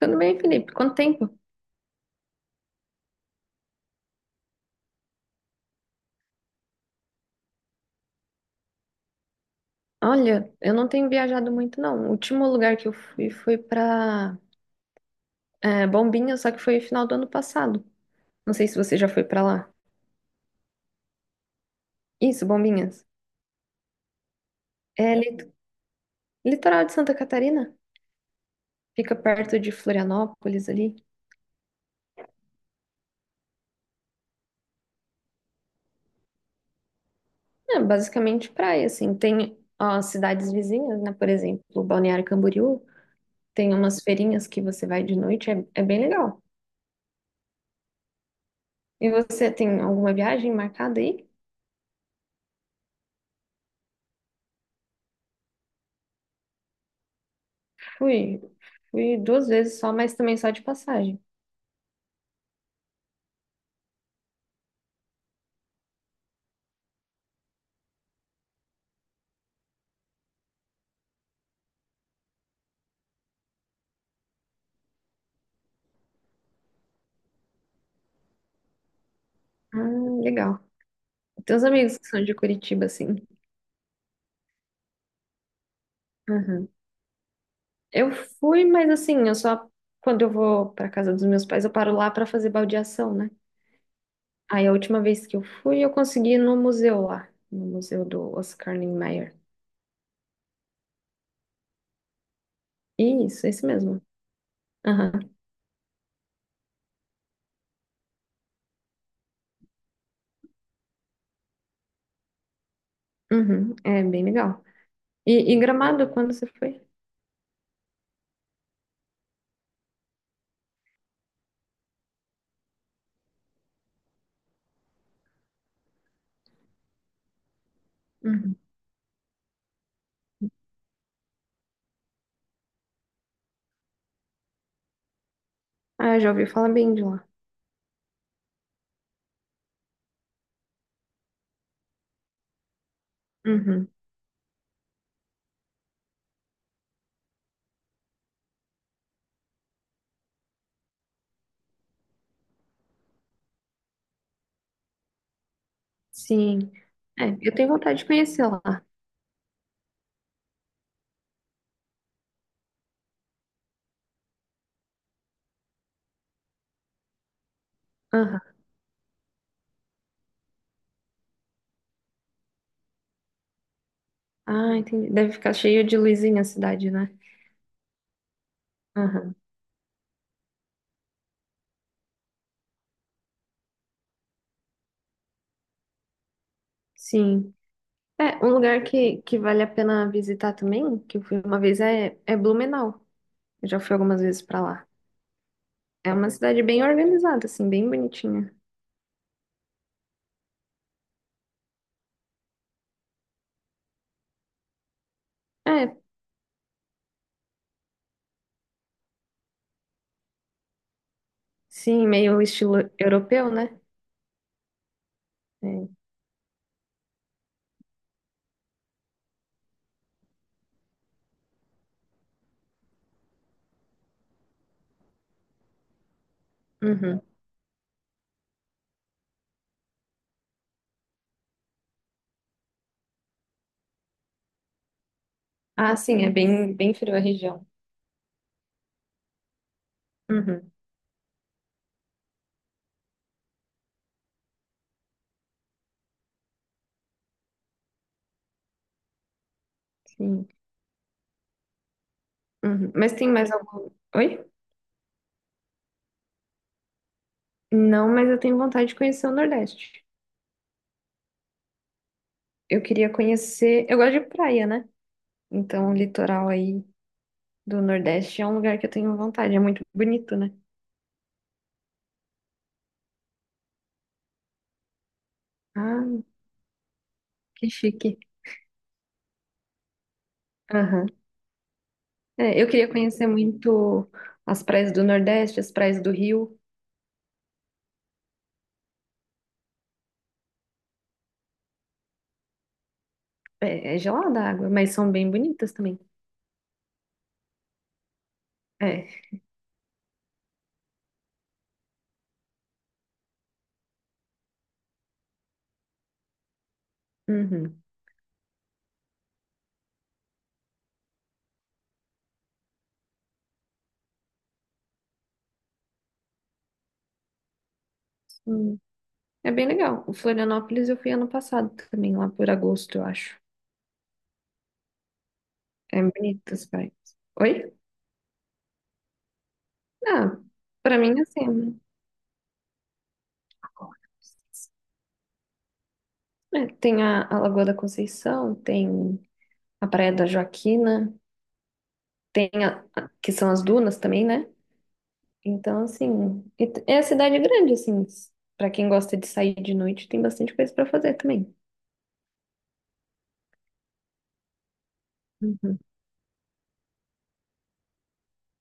Tudo bem, Felipe? Quanto tempo? Olha, eu não tenho viajado muito, não. O último lugar que eu fui foi pra Bombinhas, só que foi final do ano passado. Não sei se você já foi pra lá. Isso, Bombinhas. É lit- litoral de Santa Catarina. Fica perto de Florianópolis ali. É basicamente praia, assim. Tem ó, cidades vizinhas, né? Por exemplo, Balneário Camboriú. Tem umas feirinhas que você vai de noite. É bem legal. E você tem alguma viagem marcada aí? Fui, fui duas vezes só, mas também só de passagem. Ah, legal. Tem uns amigos que são de Curitiba, assim. Uhum. Eu fui, mas assim, eu só quando eu vou pra casa dos meus pais, eu paro lá pra fazer baldeação, né? Aí a última vez que eu fui, eu consegui ir no museu lá, no museu do Oscar Niemeyer. Isso, esse mesmo. Aham. Uhum. É bem legal. E Gramado, quando você foi? Uhum. Ah, já ouvi falar bem de lá. Uhum. Sim. É, eu tenho vontade de conhecer lá. Aham. Ah, entendi. Deve ficar cheio de luzinha a cidade, né? Aham. Sim. É, um lugar que vale a pena visitar também, que eu fui uma vez, é Blumenau. Eu já fui algumas vezes pra lá. É uma cidade bem organizada, assim, bem bonitinha. É, sim, meio estilo europeu, né? É. Uhum. Ah, sim, é bem frio a região. Uhum, sim. Uhum. Mas tem mais algum. Oi? Não, mas eu tenho vontade de conhecer o Nordeste. Eu queria conhecer. Eu gosto de praia, né? Então, o litoral aí do Nordeste é um lugar que eu tenho vontade. É muito bonito, né? Ah, que chique. Aham. É, eu queria conhecer muito as praias do Nordeste, as praias do Rio. É, é gelada a água, mas são bem bonitas também. É. Uhum. Hum. É bem legal. O Florianópolis eu fui ano passado também, lá por agosto, eu acho. É bonito as praias. Oi? Ah, pra mim é assim, né? É, tem a Lagoa da Conceição, tem a Praia da Joaquina, tem que são as dunas também, né? Então, assim, é a cidade grande, pra quem gosta de sair de noite, tem bastante coisa pra fazer também. Uhum.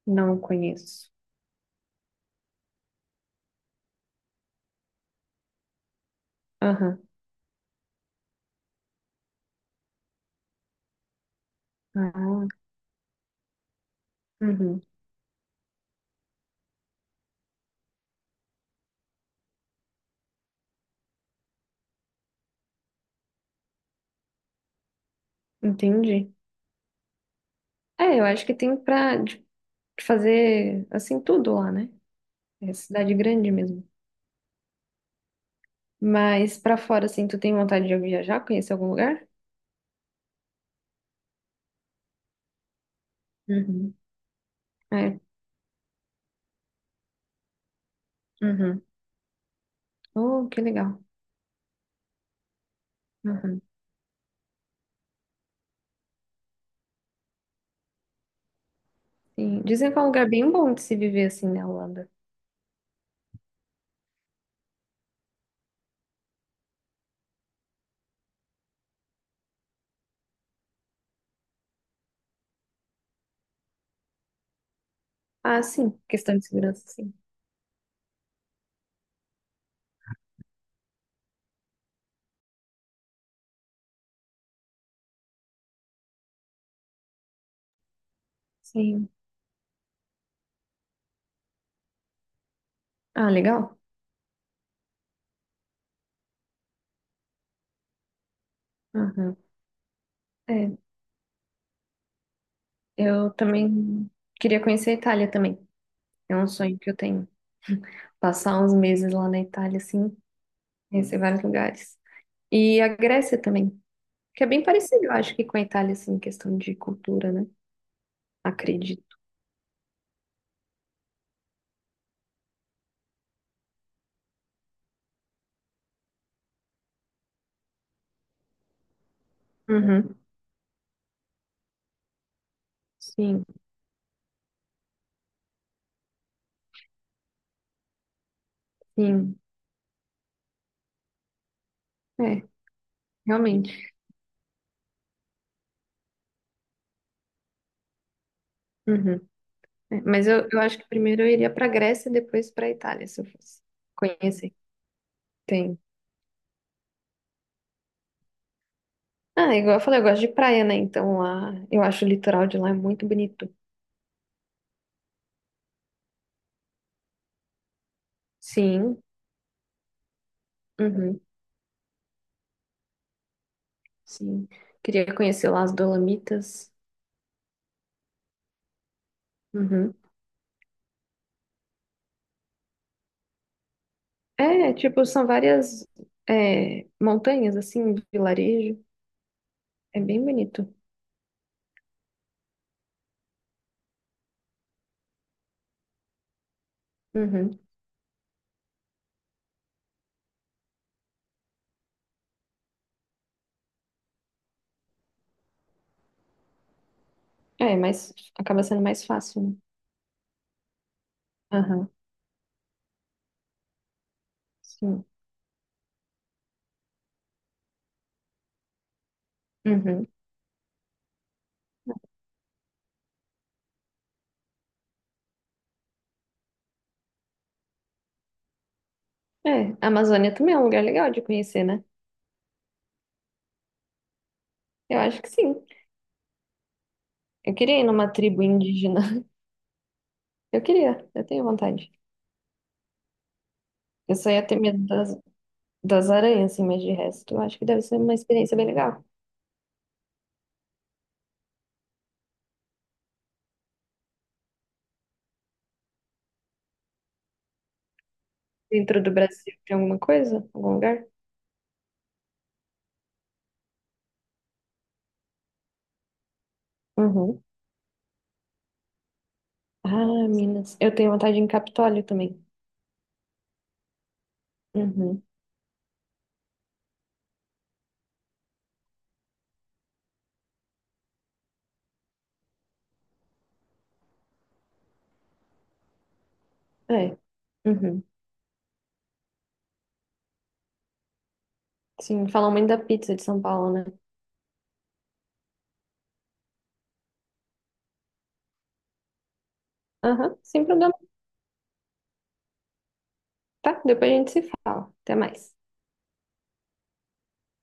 Não conheço. Aham. Ah, uhum. Entendi. É, eu acho que tem de fazer, assim, tudo lá, né? É cidade grande mesmo. Mas pra fora, assim, tu tem vontade de viajar, conhecer algum lugar? Uhum. É. Uhum. Oh, que legal. Uhum. Sim. Dizem que é um lugar bem bom de se viver, assim, na Holanda. Ah, sim. Questão de segurança, sim. Sim. Ah, legal. Uhum. É, eu também queria conhecer a Itália também. É um sonho que eu tenho. Passar uns meses lá na Itália, assim, conhecer vários lugares. E a Grécia também, que é bem parecido, eu acho que com a Itália, assim, em questão de cultura, né? Acredito. Uhum. Sim, sim. É, realmente. Uhum. É, mas eu acho que primeiro eu iria pra Grécia e depois pra Itália, se eu fosse conhecer. Tem. Ah, igual eu falei, eu gosto de praia, né? Então lá, eu acho o litoral de lá é muito bonito. Sim. Uhum. Sim. Queria conhecer lá as Dolomitas. Uhum. É, tipo, são várias montanhas, assim, vilarejo. É bem bonito. Uhum. É, mas acaba sendo mais fácil, né? Aham, sim. Uhum. É, a Amazônia também é um lugar legal de conhecer, né? Eu acho que sim. Eu queria ir numa tribo indígena. Eu queria, eu tenho vontade. Eu só ia ter medo das, das aranhas, assim, mas de resto, eu acho que deve ser uma experiência bem legal. Dentro do Brasil, tem alguma coisa? Algum lugar? Uhum. Ah, Minas. Eu tenho vontade em Capitólio também. Uhum. É. Uhum. Sim, falam muito da pizza de São Paulo, né? Aham, sem problema. Tá? Depois a gente se fala. Até mais.